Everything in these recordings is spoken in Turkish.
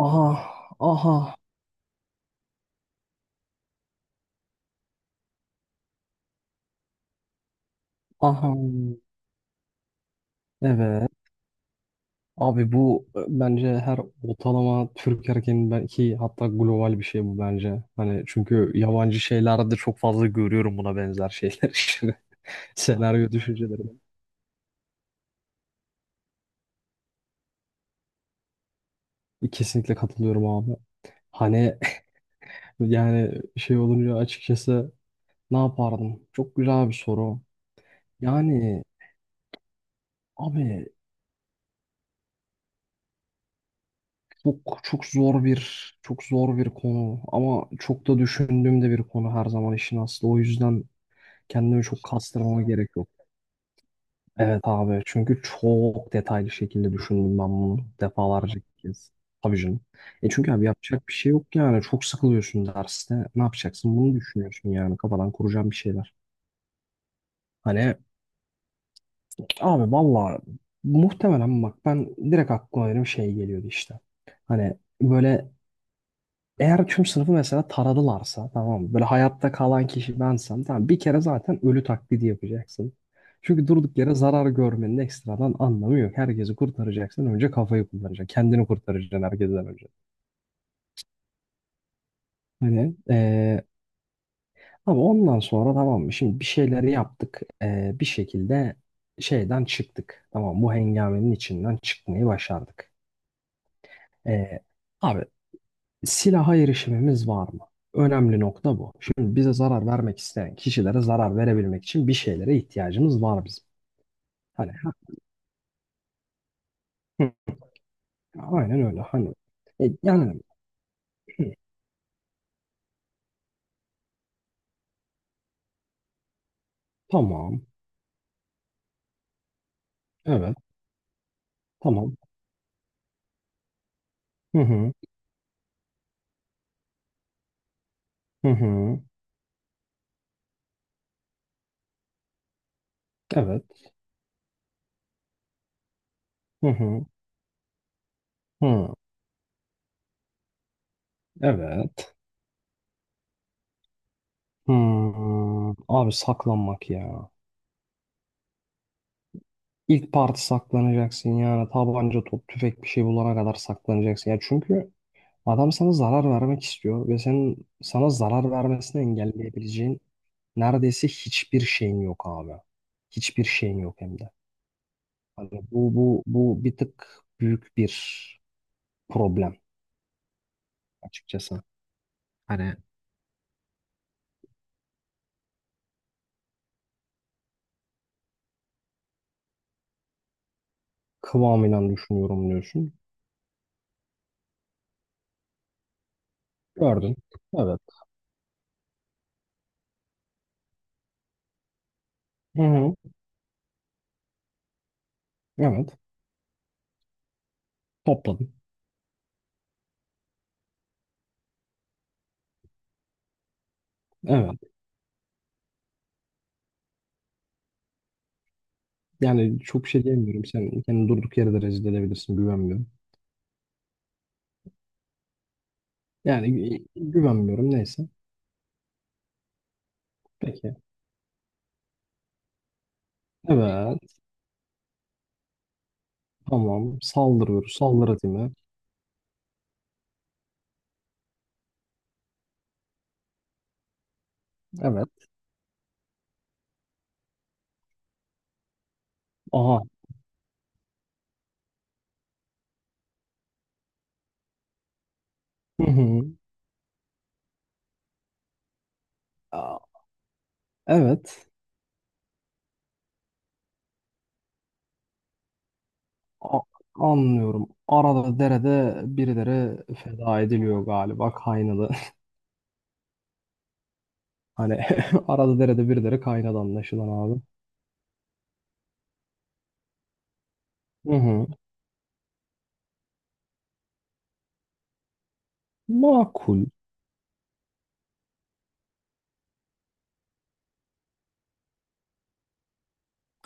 Aha, aha, aha. Evet. Abi bu bence her ortalama Türk erkeğinin belki hatta global bir şey bu bence. Hani çünkü yabancı şeylerde çok fazla görüyorum buna benzer şeyler işte. Senaryo düşünceleri. Kesinlikle katılıyorum abi. Hani yani şey olunca açıkçası ne yapardım? Çok güzel bir soru. Yani abi çok zor bir konu ama çok da düşündüğüm de bir konu her zaman işin aslı. O yüzden kendimi çok kastırmama gerek yok. Evet abi çünkü çok detaylı şekilde düşündüm ben bunu defalarca kez. Tabii canım. E çünkü abi yapacak bir şey yok yani. Çok sıkılıyorsun derste. Ne yapacaksın? Bunu düşünüyorsun yani. Kafadan kuracağım bir şeyler. Hani abi valla muhtemelen bak ben direkt aklıma benim şey geliyordu işte. Hani böyle eğer tüm sınıfı mesela taradılarsa tamam mı? Böyle hayatta kalan kişi bensem tamam, bir kere zaten ölü taklidi yapacaksın. Çünkü durduk yere zarar görmenin ekstradan anlamı yok. Herkesi kurtaracaksın, önce kafayı kullanacaksın. Kendini kurtaracaksın herkesten önce. Hani ama ondan sonra tamam mı? Şimdi bir şeyleri yaptık. Bir şekilde şeyden çıktık. Tamam, bu hengamenin içinden çıkmayı başardık. Ee, abi silaha erişimimiz var mı? Önemli nokta bu. Şimdi bize zarar vermek isteyen kişilere zarar verebilmek için bir şeylere ihtiyacımız var bizim. Hani ha, hı, aynen öyle. Hani yani hı, tamam. Evet. Tamam. Hı hı. Hı hı. Evet. Hı hı. Hı. Evet. Hı. Abi saklanmak ya. İlk parti saklanacaksın yani tabanca, top, tüfek bir şey bulana kadar saklanacaksın. Ya çünkü adam sana zarar vermek istiyor ve senin sana zarar vermesini engelleyebileceğin neredeyse hiçbir şeyin yok abi. Hiçbir şeyin yok hem de. Hani bu bir tık büyük bir problem açıkçası. Hani kıvamıyla düşünüyorum diyorsun. Gördün. Evet. Hı hı. Evet. Topladın. Evet. Yani çok bir şey diyemiyorum. Sen kendini durduk yere de rezil edebilirsin. Güvenmiyorum. Yani gü- güvenmiyorum. Neyse. Peki. Evet. Tamam. Saldırıyoruz. Saldırı timi. Evet. Aha. Hı hı. Aa, evet. A- anlıyorum. Arada derede birileri feda ediliyor galiba kaynadı. Hani arada derede birileri kaynadı anlaşılan abi. Hı hı. Makul.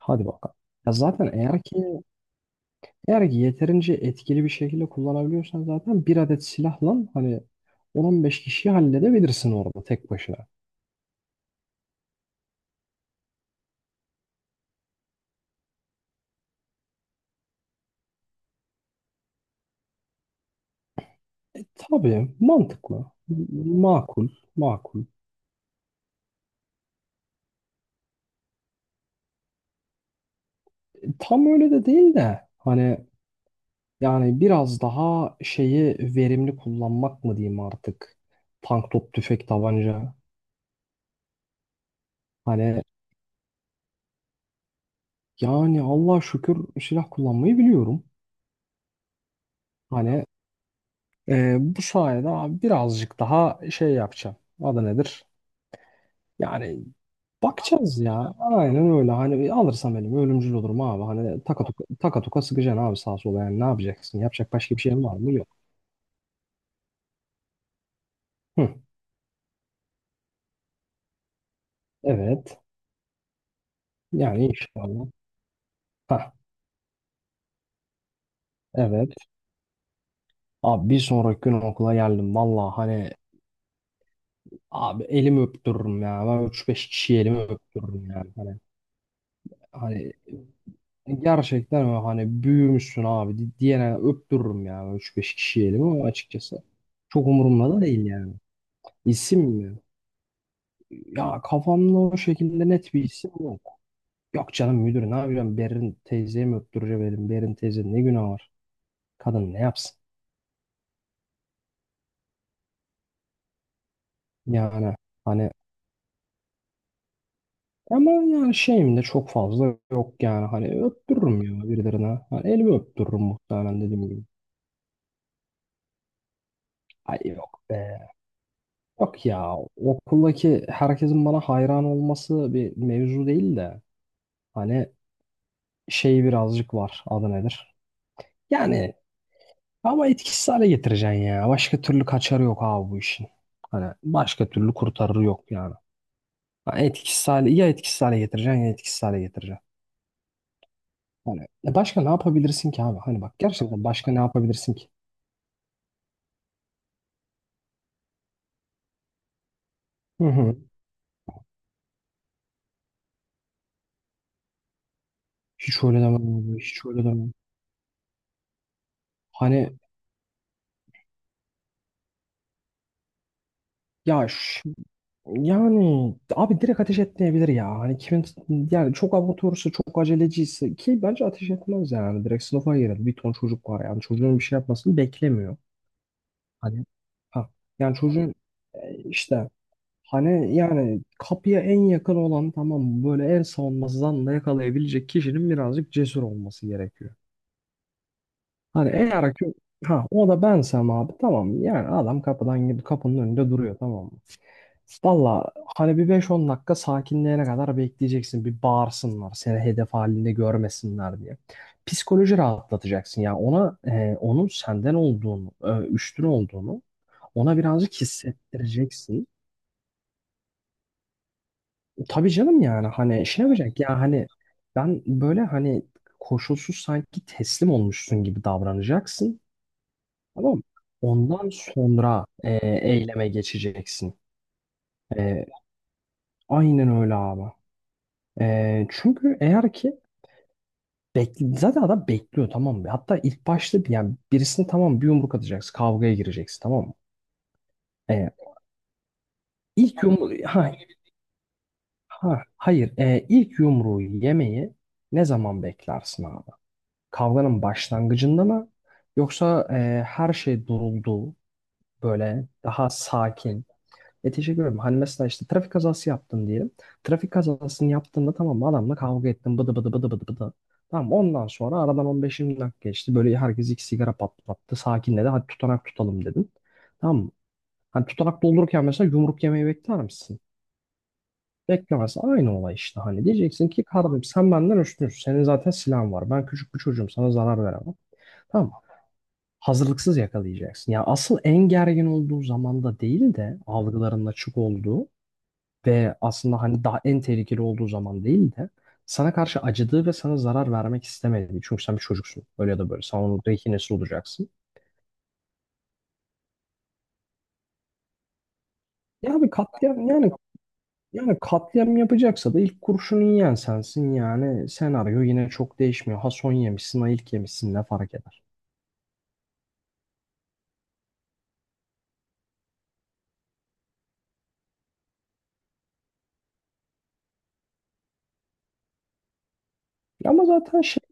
Hadi bakalım. Ya zaten eğer ki yeterince etkili bir şekilde kullanabiliyorsan zaten bir adet silahla hani 10 beş kişiyi halledebilirsin orada tek başına. E, tabii mantıklı. M- makul. Makul. E, tam öyle de değil de hani yani biraz daha şeyi verimli kullanmak mı diyeyim artık? Tank, top, tüfek, tabanca. Hani yani Allah şükür silah kullanmayı biliyorum. Hani bu sayede abi birazcık daha şey yapacağım. Adı nedir? Yani bakacağız ya. Aynen öyle. Hani alırsam elimi ölümcül olurum abi. Hani taka tuka, taka tuka sıkacaksın abi sağa sola. Yani ne yapacaksın? Yapacak başka bir şeyin var mı? Yok. Hı. Evet. Yani inşallah. Ha. Evet. Abi bir sonraki gün okula geldim. Vallahi hani abi elimi öptürürüm ya. Ben üç beş kişiyi elimi öptürürüm yani. Hani, hani gerçekten öyle hani büyümüşsün abi di- diyene öptürürüm ya üç beş kişiyi elimi ama açıkçası. Çok umurumda da değil yani. İsim mi? Ya kafamda o şekilde net bir isim yok. Yok canım, müdür ne yapacağım? Berin teyzeye mi öptüreceğim elim? Berin teyze ne günah var? Kadın ne yapsın? Yani hani ama yani şeyim de çok fazla yok yani hani öptürürüm ya birilerine. Hani elimi öptürürüm muhtemelen dediğim gibi. Ay yok be. Yok ya, okuldaki herkesin bana hayran olması bir mevzu değil de hani şey birazcık var adı nedir? Yani ama etkisiz hale getireceksin ya. Başka türlü kaçarı yok abi bu işin. Hani başka türlü kurtarırı yok yani. Hani etkisiz hale, ya etkisiz hale getireceksin ya etkisiz hale getireceksin. Hani başka ne yapabilirsin ki abi? Hani bak gerçekten başka ne yapabilirsin ki? Hı hı. Hiç öyle demem abi. Hiç öyle demem. Hani ya ş- yani abi direkt ateş etmeyebilir ya. Hani kimin yani çok amatörse çok aceleciyse ki bence ateş etmez yani. Direkt sınıfa girer. Bir ton çocuk var yani. Çocuğun bir şey yapmasını beklemiyor. Hani ha yani çocuğun işte hani yani kapıya en yakın olan tamam mı? Böyle en savunmasız anda yakalayabilecek kişinin birazcık cesur olması gerekiyor. Hani eğer ki ha o da bensem abi tamam, yani adam kapıdan gidip kapının önünde duruyor tamam mı? Valla hani bir beş on dakika sakinleyene kadar bekleyeceksin. Bir bağırsınlar, seni hedef halinde görmesinler diye. Psikoloji rahatlatacaksın ya ona onun senden olduğunu, üstün olduğunu ona birazcık hissettireceksin. Tabii canım, yani hani şey yapacak ya hani ben böyle hani koşulsuz sanki teslim olmuşsun gibi davranacaksın. Tamam mı? Ondan sonra eyleme geçeceksin. E, aynen öyle abi. E, çünkü eğer ki bekle, zaten adam bekliyor tamam mı? Hatta ilk başta bir- yani birisine tamam, bir yumruk atacaksın. Kavgaya gireceksin tamam mı? E, ilk yumru ha, ha, hayır. İlk yumruğu yemeyi ne zaman beklersin abi? Kavganın başlangıcında mı? Yoksa her şey duruldu böyle daha sakin? E teşekkür ederim. Hani mesela işte trafik kazası yaptın diyelim. Trafik kazasını yaptığında tamam mı, adamla kavga ettin bıdı bıdı bıdı bıdı bıdı. Tamam, ondan sonra aradan 15 20 dakika geçti. Böyle herkes iki sigara patlattı. Sakinledi. Hadi tutanak tutalım dedin. Tamam mı? Hani tutanak doldururken mesela yumruk yemeyi bekler misin? Beklemez. Aynı olay işte hani. Diyeceksin ki kardeşim sen benden üstünsün. Senin zaten silahın var. Ben küçük bir çocuğum. Sana zarar veremem. Tamam mı? Hazırlıksız yakalayacaksın. Ya asıl en gergin olduğu zamanda değil de algıların açık olduğu ve aslında hani daha en tehlikeli olduğu zaman değil de sana karşı acıdığı ve sana zarar vermek istemediği. Çünkü sen bir çocuksun. Öyle ya da böyle. Sen onun rehinesi olacaksın. Ya abi katliam yani yani katliam yapacaksa da ilk kurşunu yiyen sensin yani senaryo yine çok değişmiyor. Ha son yemişsin ha ilk yemişsin ne fark eder. Ama zaten şey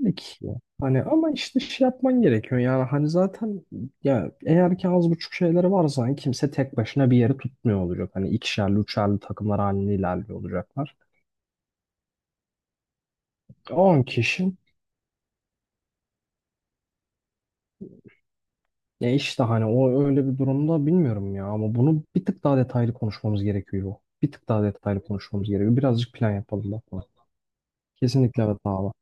değil ki ya. Hani ama işte şey yapman gerekiyor yani hani zaten ya eğer ki az buçuk şeyleri varsa hani kimse tek başına bir yeri tutmuyor olacak. Hani ikişerli üçerli takımlar halinde ilerliyor olacaklar. 10 kişi. Ya işte hani o öyle bir durumda bilmiyorum ya, ama bunu bir tık daha detaylı konuşmamız gerekiyor. Bir tık daha detaylı konuşmamız gerekiyor. Birazcık plan yapalım da kesinlikle evet abi.